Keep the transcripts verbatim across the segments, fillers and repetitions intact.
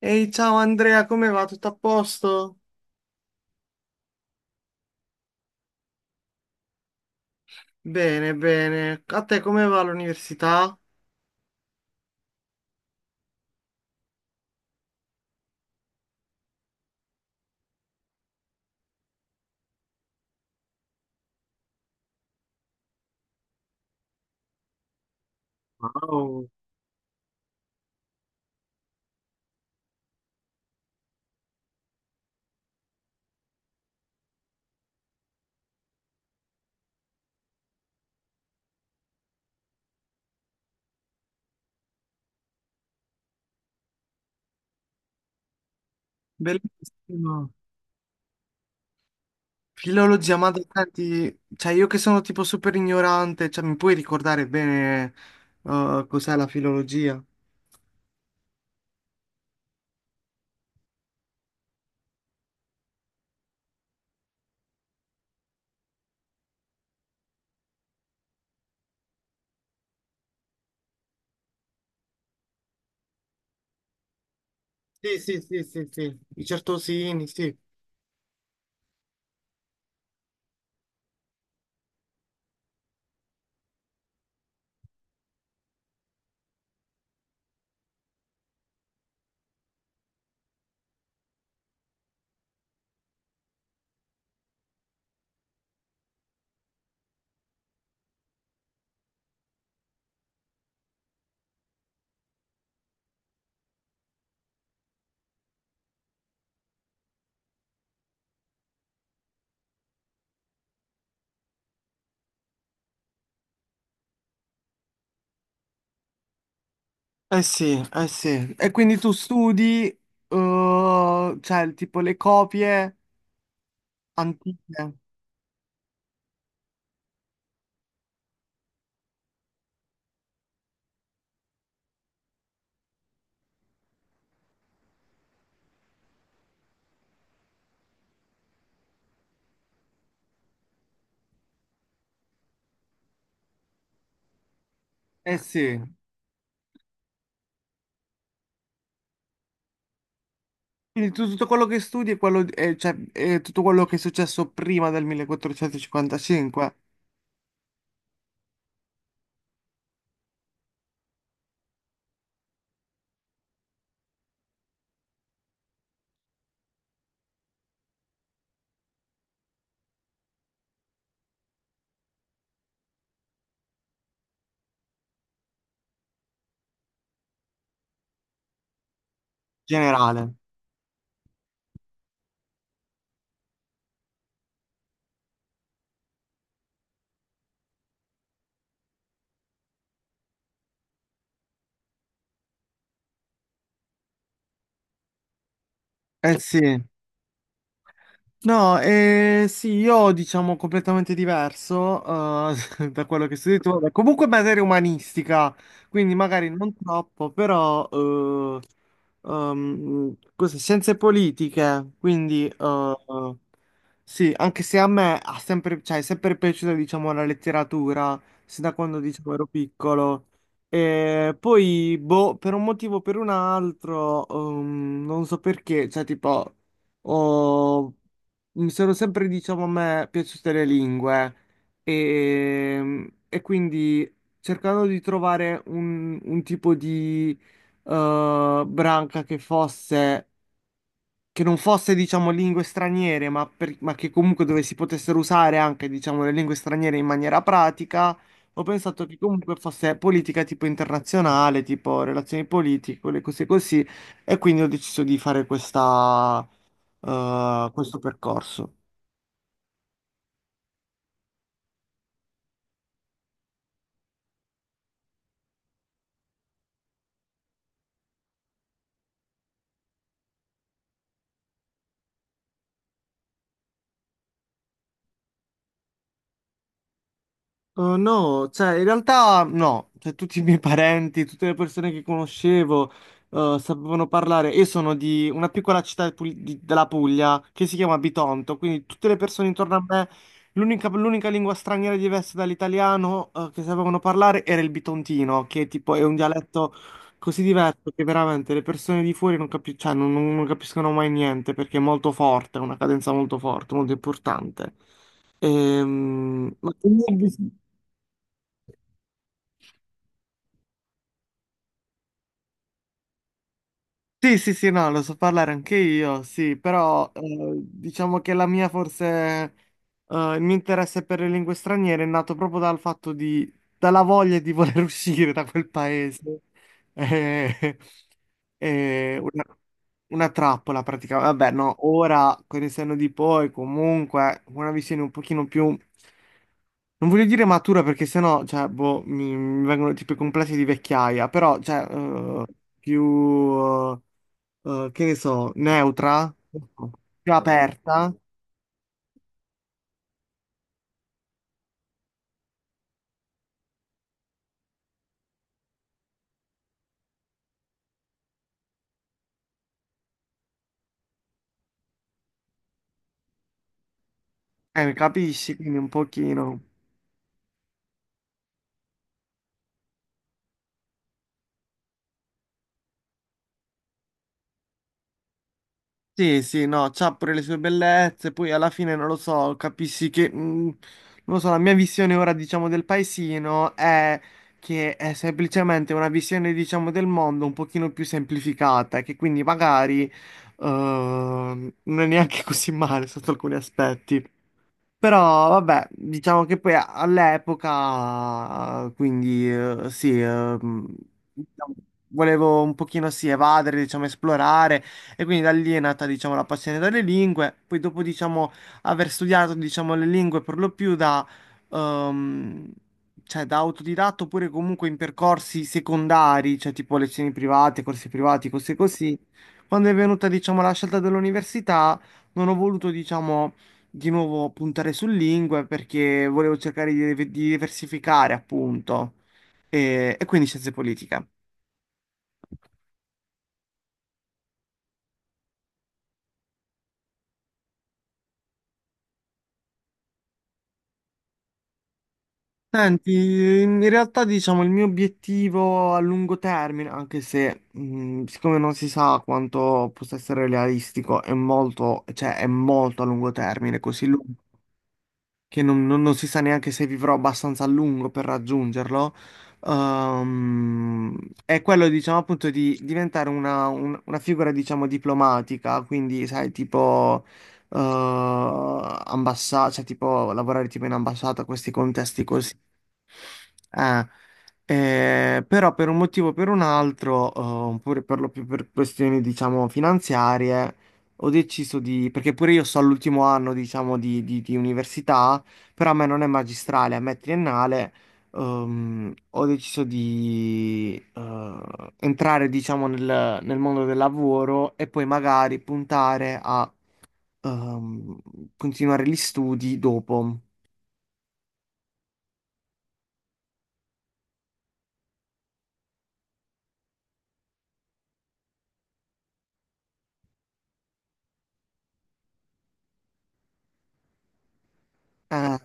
Ehi, ciao Andrea, come va? Tutto a posto? Bene, bene. A te come va l'università? Wow, bellissimo. Filologia, ma dai, senti, cioè io che sono tipo super ignorante, cioè mi puoi ricordare bene eh, cos'è la filologia? Sì, sì, sì, sì, sì. I certosini, sì. Eh sì, eh sì. E quindi tu studi, eh, cioè tipo le copie antiche? Eh sì. Quindi tu- tutto quello che studi è, quello, è- cioè, è tutto quello che è successo prima del millequattrocentocinquantacinque, in generale. Eh sì. No, eh, sì, io diciamo completamente diverso eh, da quello che studi tu. Vabbè, comunque materia umanistica, quindi magari non troppo, però eh, ehm, cose- scienze politiche, quindi eh, Sì, anche se a me ha sempre, cioè, è sempre piaciuta, diciamo, la letteratura, sin da quando, diciamo, ero piccolo. E poi, boh, per un motivo o per un altro, ehm, non so perché, cioè, tipo, ho- mi sono sempre, diciamo, a me piaciute le lingue. E, e quindi, cercando di trovare un, un tipo di eh, branca che fosse che non fosse, diciamo, lingue straniere, ma, per- ma che comunque dove si potessero usare anche, diciamo, le lingue straniere in maniera pratica, ho pensato che comunque fosse politica tipo internazionale, tipo relazioni politiche, quelle cose così, e quindi ho deciso di fare questa, eh, questo percorso. Oh, no, cioè in realtà no, cioè, tutti i miei parenti, tutte le persone che conoscevo eh, sapevano parlare. Io sono di una piccola città pul- di- della Puglia che si chiama Bitonto, quindi tutte le persone intorno a me, l'unica l'unica lingua straniera diversa dall'italiano eh, che sapevano parlare era il bitontino, che tipo è un dialetto così diverso che veramente le persone di fuori non, capi- cioè, non non- non capiscono mai niente perché è molto forte, è una cadenza molto forte, molto importante. Ehm, ma tu- Sì, sì, sì, no, lo so parlare anche io, sì, però eh, diciamo che la mia forse, eh, il mio interesse per le lingue straniere è nato proprio dal fatto di, dalla voglia di voler uscire da quel paese. Eh, eh, una, una trappola praticamente. Vabbè, no, ora con il senno di poi comunque una visione un pochino più... Non voglio dire matura perché sennò, cioè, boh, mi, mi vengono tipo i complessi di vecchiaia, però, cioè, eh, più eh, che ne so, neutra, più aperta, eh, capisci? Quindi un pochino. Sì, sì, no, c'ha pure le sue bellezze, poi alla fine non lo so, capisci che, mm, non lo so, la mia visione ora, diciamo, del paesino è che è semplicemente una visione, diciamo, del mondo un pochino più semplificata, che quindi magari, eh, non è neanche così male sotto alcuni aspetti. Però vabbè, diciamo che poi a- all'epoca, quindi eh, sì, eh, mh, diciamo, volevo un pochino sì evadere, diciamo esplorare e quindi da lì è nata diciamo la passione delle lingue, poi dopo diciamo aver studiato diciamo le lingue per lo più da, ehm, cioè, da autodidatto oppure comunque in percorsi secondari, cioè tipo lezioni private, corsi privati, cose così, quando è venuta diciamo la scelta dell'università non ho voluto diciamo di nuovo puntare su lingue perché volevo cercare di, di diversificare, appunto, e, e quindi scienze politiche. Senti, in realtà diciamo il mio obiettivo a lungo termine, anche se mh, siccome non si sa quanto possa essere realistico, è molto, cioè è molto a lungo termine, così lungo, che non, non- non si sa neanche se vivrò abbastanza a lungo per raggiungerlo, ehm, è quello, diciamo, appunto di diventare una, un- una figura, diciamo, diplomatica, quindi, sai, tipo, eh, ambassa- cioè, tipo, lavorare tipo in ambasciata, questi contesti così. Eh, eh, però per un motivo o per un altro, eh, oppure per lo più per questioni, diciamo, finanziarie, ho deciso di, perché pure io sto all'ultimo anno, diciamo, di, di- di università, però a me non è magistrale, a me è triennale, ehm, ho deciso di eh, entrare, diciamo, nel, nel mondo del lavoro e poi magari puntare a ehm, continuare gli studi dopo. Eh,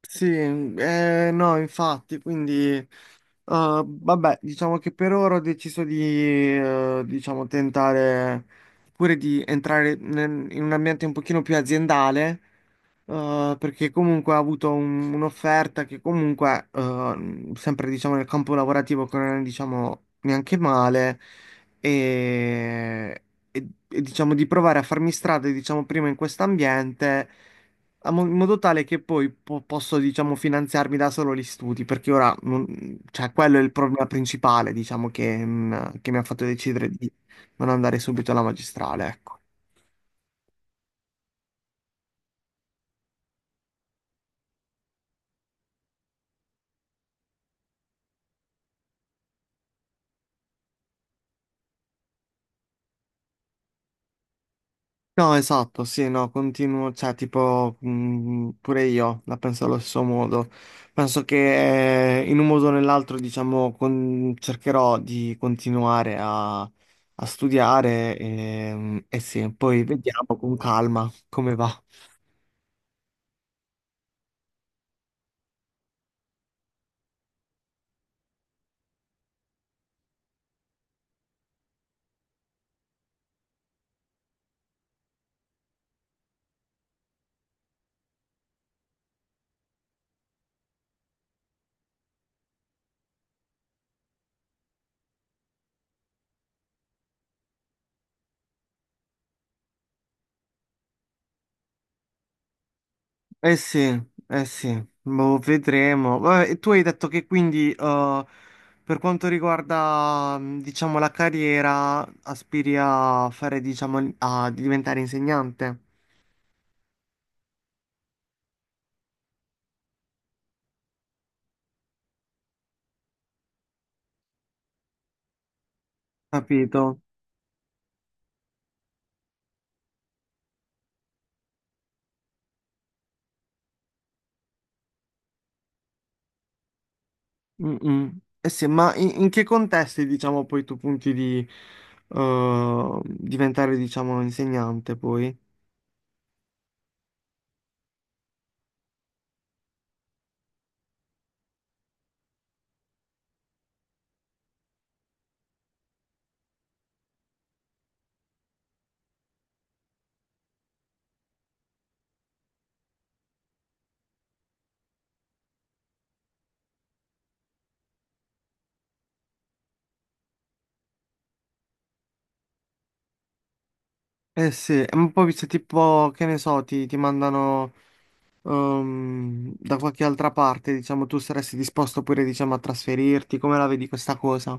sì, eh, no, infatti, quindi, eh, vabbè, diciamo che per ora ho deciso di, eh, diciamo, tentare pure di entrare nel- in un ambiente un pochino più aziendale eh, perché comunque ha avuto un- un'offerta che comunque, eh, sempre diciamo nel campo lavorativo, che non è diciamo neanche male, e, e- e, diciamo di provare a farmi strada, diciamo prima in quest'ambiente, a mo- in modo tale che poi po- posso diciamo finanziarmi da solo gli studi, perché ora, non- cioè, quello è il problema principale, diciamo, che, mm, che mi ha fatto decidere di non andare subito alla magistrale, ecco. No, esatto, sì, no, continuo, cioè, tipo, mh, pure io la penso allo stesso modo. Penso che eh, in un modo o nell'altro, diciamo, con- cercherò di continuare a, a studiare e, e sì, poi vediamo con calma come va. Eh sì, eh sì, boh, vedremo. Vabbè, e tu hai detto che quindi, eh, per quanto riguarda, mh, diciamo, la carriera, aspiri a fare, diciamo, a diventare insegnante? Capito. Mm-mm. Eh sì, ma in, in che contesti, diciamo, poi tu punti di eh, diventare, diciamo, insegnante poi? Eh sì, eh, ma poi se tipo, che ne so, ti, ti mandano ehm, da qualche altra parte, diciamo, tu saresti disposto pure, diciamo, a trasferirti, come la vedi questa cosa?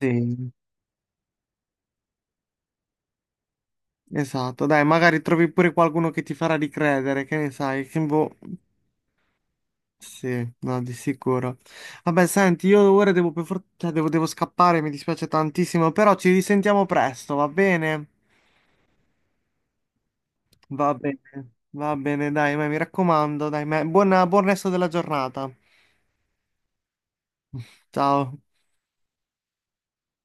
Sì, esatto, dai, magari trovi pure qualcuno che ti farà ricredere, che ne sai, che boh. Sì, no, di sicuro. Vabbè, senti, io ora devo, per for- cioè, devo, devo scappare, mi dispiace tantissimo, però ci risentiamo presto, va bene? Va bene, va bene, dai, ma mi raccomando, dai, ma- buona- buon resto della giornata. Ciao.